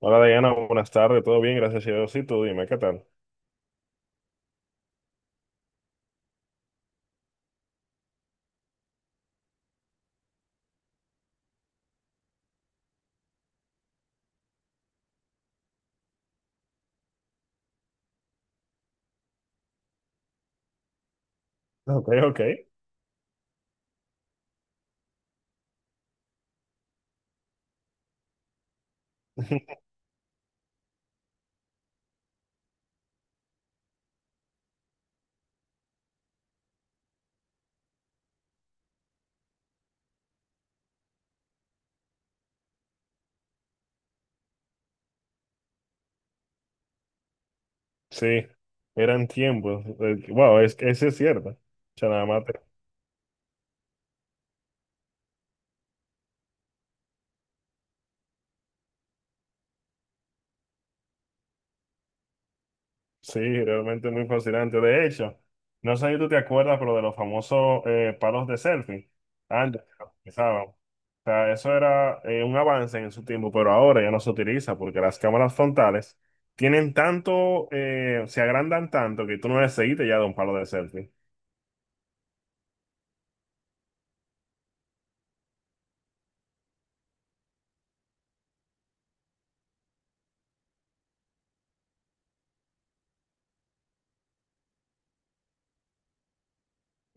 Hola Diana, buenas tardes, todo bien, gracias a Dios. Y tú dime, ¿qué tal? Ok, ok. Sí, eran tiempos. Wow, eso es cierto. O sea, nada más te- Sí, realmente muy fascinante. De hecho, no sé si tú te acuerdas, pero de los famosos palos de selfie. Antes, los utilizaban. O sea, eso era un avance en su tiempo, pero ahora ya no se utiliza porque las cámaras frontales tienen tanto, se agrandan tanto que tú no necesitas ya de un palo de selfie.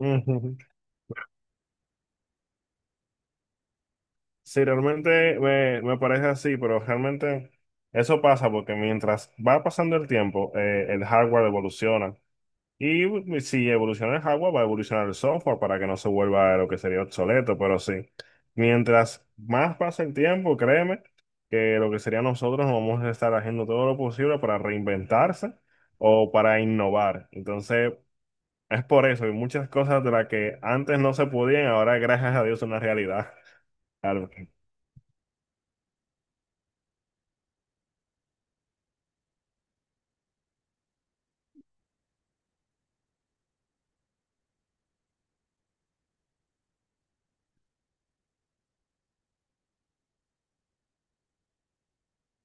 Sí, realmente me parece así, pero realmente eso pasa porque mientras va pasando el tiempo, el hardware evoluciona. Y si evoluciona el hardware, va a evolucionar el software para que no se vuelva lo que sería obsoleto, pero sí. Mientras más pasa el tiempo, créeme que lo que sería nosotros vamos a estar haciendo todo lo posible para reinventarse o para innovar. Entonces, es por eso, y muchas cosas de las que antes no se podían, ahora gracias a Dios son una realidad.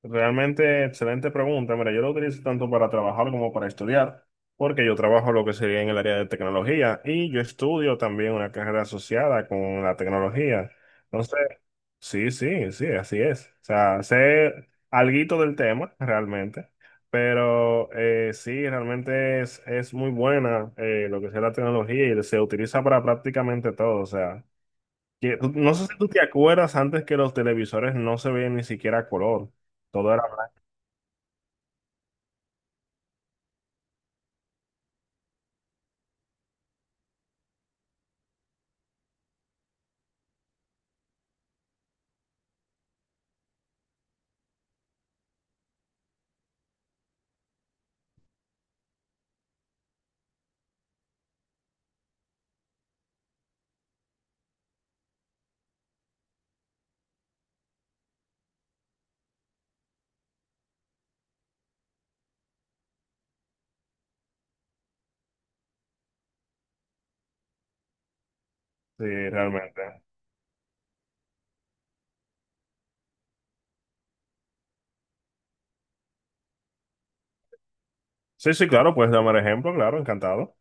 Realmente excelente pregunta. Mira, yo lo utilizo tanto para trabajar como para estudiar, porque yo trabajo lo que sería en el área de tecnología y yo estudio también una carrera asociada con la tecnología. Entonces, sí, sí, sí, así es. O sea, sé alguito del tema realmente, pero sí, realmente es muy buena lo que sea la tecnología y se utiliza para prácticamente todo. O sea, que, no sé si tú te acuerdas antes que los televisores no se veían ni siquiera a color. Todo sí, realmente. Sí, sí, claro, puedes darme el ejemplo, claro, encantado.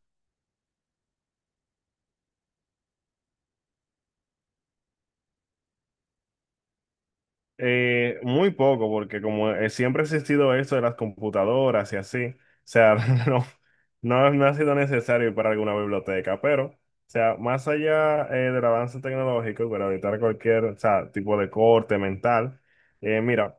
Muy poco, porque como siempre ha existido esto de las computadoras y así, o sea, no, no, no ha sido necesario para alguna biblioteca, pero, o sea, más allá del avance tecnológico y para evitar cualquier, o sea, tipo de corte mental, mira.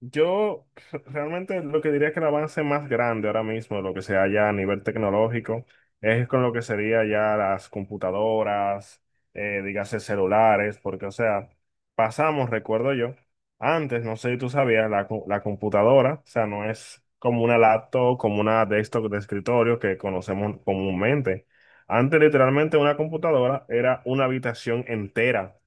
Yo Realmente lo que diría es que el avance más grande ahora mismo, lo que sea ya a nivel tecnológico, es con lo que sería ya las computadoras, dígase celulares, porque o sea, pasamos, recuerdo yo, antes, no sé si tú sabías, la computadora, o sea, no es como una laptop, como una desktop de escritorio que conocemos comúnmente. Antes literalmente una computadora era una habitación entera,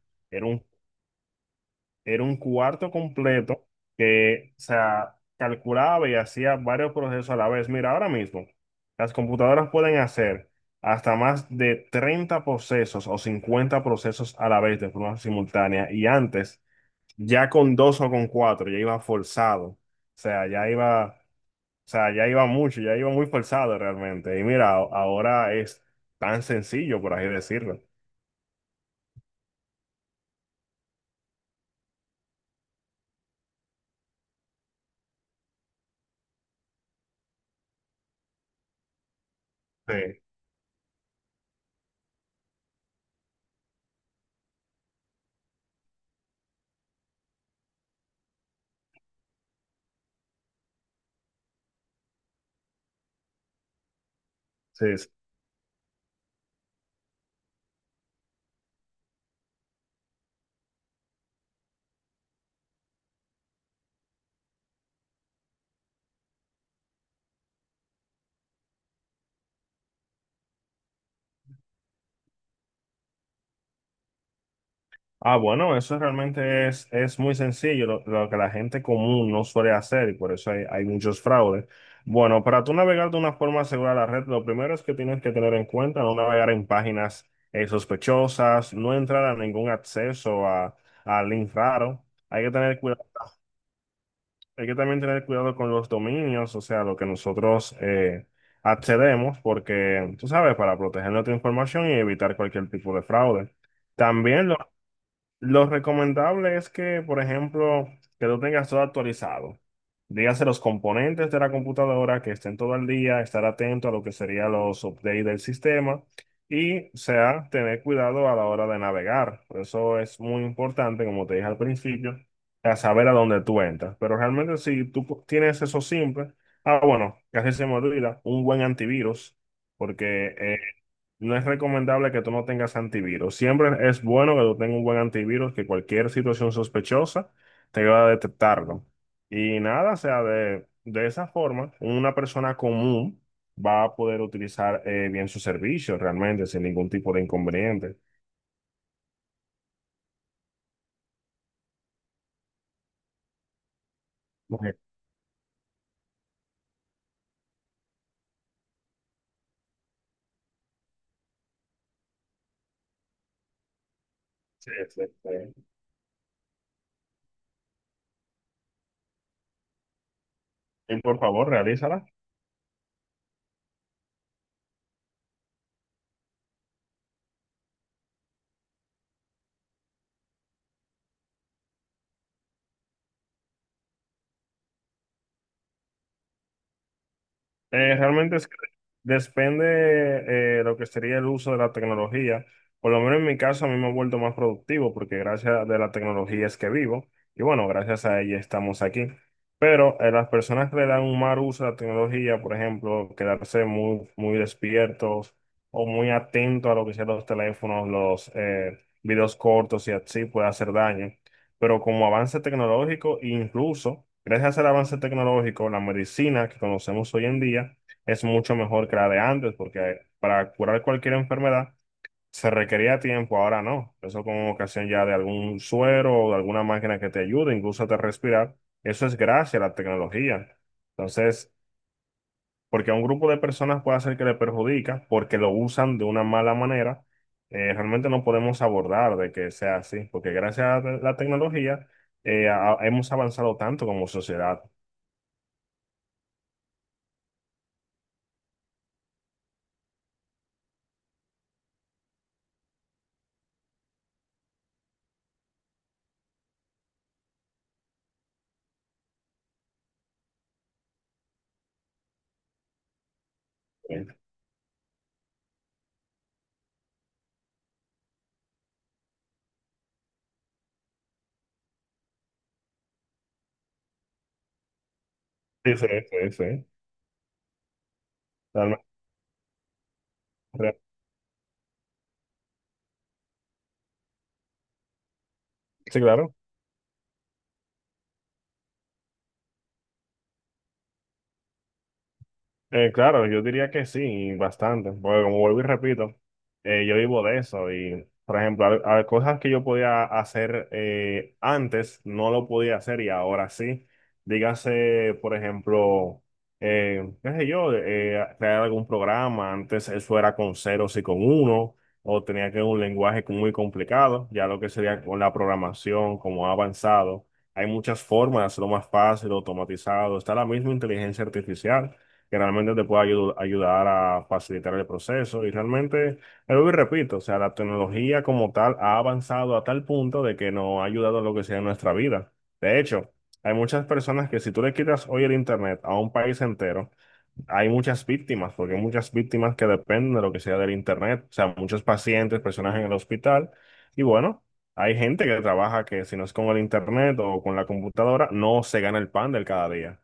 era un cuarto completo que, o sea, calculaba y hacía varios procesos a la vez. Mira, ahora mismo las computadoras pueden hacer hasta más de 30 procesos o 50 procesos a la vez de forma simultánea. Y antes, ya con dos o con cuatro, ya iba forzado. O sea, ya iba, o sea, ya iba mucho, ya iba muy forzado realmente. Y mira, ahora es tan sencillo, por así decirlo. Sí, sí. Ah, bueno, eso realmente es muy sencillo, lo que la gente común no suele hacer y por eso hay muchos fraudes. Bueno, para tú navegar de una forma segura la red, lo primero es que tienes que tener en cuenta no navegar en páginas sospechosas, no entrar a ningún acceso a link raro. Hay que tener cuidado, hay que también tener cuidado con los dominios, o sea, lo que nosotros accedemos, porque tú sabes, para proteger nuestra información y evitar cualquier tipo de fraude. También lo recomendable es que, por ejemplo, que lo tengas todo actualizado. Dígase los componentes de la computadora que estén todo el día, estar atento a lo que serían los updates del sistema y, o sea, tener cuidado a la hora de navegar. Por eso es muy importante, como te dije al principio, a saber a dónde tú entras. Pero realmente si tú tienes eso simple, ah, bueno, casi se me olvida, un buen antivirus, porque no es recomendable que tú no tengas antivirus. Siempre es bueno que tú tengas un buen antivirus, que cualquier situación sospechosa te va a detectarlo. Y nada, o sea, de esa forma, una persona común va a poder utilizar bien sus servicios realmente sin ningún tipo de inconveniente. Ok. Sí, sí, sí. Y por favor, realízala. Realmente es que depende lo que sería el uso de la tecnología. Por lo menos en mi caso, a mí me he vuelto más productivo porque gracias a la tecnología es que vivo y bueno, gracias a ella estamos aquí. Pero las personas que le dan un mal uso a la tecnología, por ejemplo, quedarse muy, muy despiertos o muy atentos a lo que sean los teléfonos, los videos cortos y así puede hacer daño, pero como avance tecnológico, incluso gracias al avance tecnológico, la medicina que conocemos hoy en día es mucho mejor que la de antes, porque para curar cualquier enfermedad se requería tiempo, ahora no. Eso con ocasión ya de algún suero o de alguna máquina que te ayude, incluso a te respirar, eso es gracias a la tecnología. Entonces, porque a un grupo de personas puede hacer que le perjudica porque lo usan de una mala manera, realmente no podemos abordar de que sea así, porque gracias a la tecnología hemos avanzado tanto como sociedad. Sí, sí, sí, sí. Realmente, sí, claro. Claro, yo diría que sí, bastante, porque como vuelvo y repito, yo vivo de eso y, por ejemplo, cosas que yo podía hacer antes, no lo podía hacer y ahora sí. Dígase, por ejemplo, qué sé yo, crear algún programa, antes eso era con ceros y con uno, o tenía que un lenguaje muy complicado, ya lo que sería con la programación, como ha avanzado. Hay muchas formas de hacerlo más fácil, automatizado, está la misma inteligencia artificial que realmente te pueda ayudar a facilitar el proceso. Y realmente, vuelvo y repito, o sea, la tecnología como tal ha avanzado a tal punto de que nos ha ayudado en lo que sea en nuestra vida. De hecho, hay muchas personas que si tú le quitas hoy el Internet a un país entero, hay muchas víctimas, porque hay muchas víctimas que dependen de lo que sea del Internet. O sea, muchos pacientes, personas en el hospital. Y bueno, hay gente que trabaja que si no es con el Internet o con la computadora, no se gana el pan del cada día.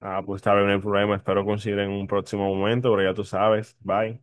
Ah, pues está bien, el problema. Espero coincidir en un próximo momento, pero ya tú sabes. Bye.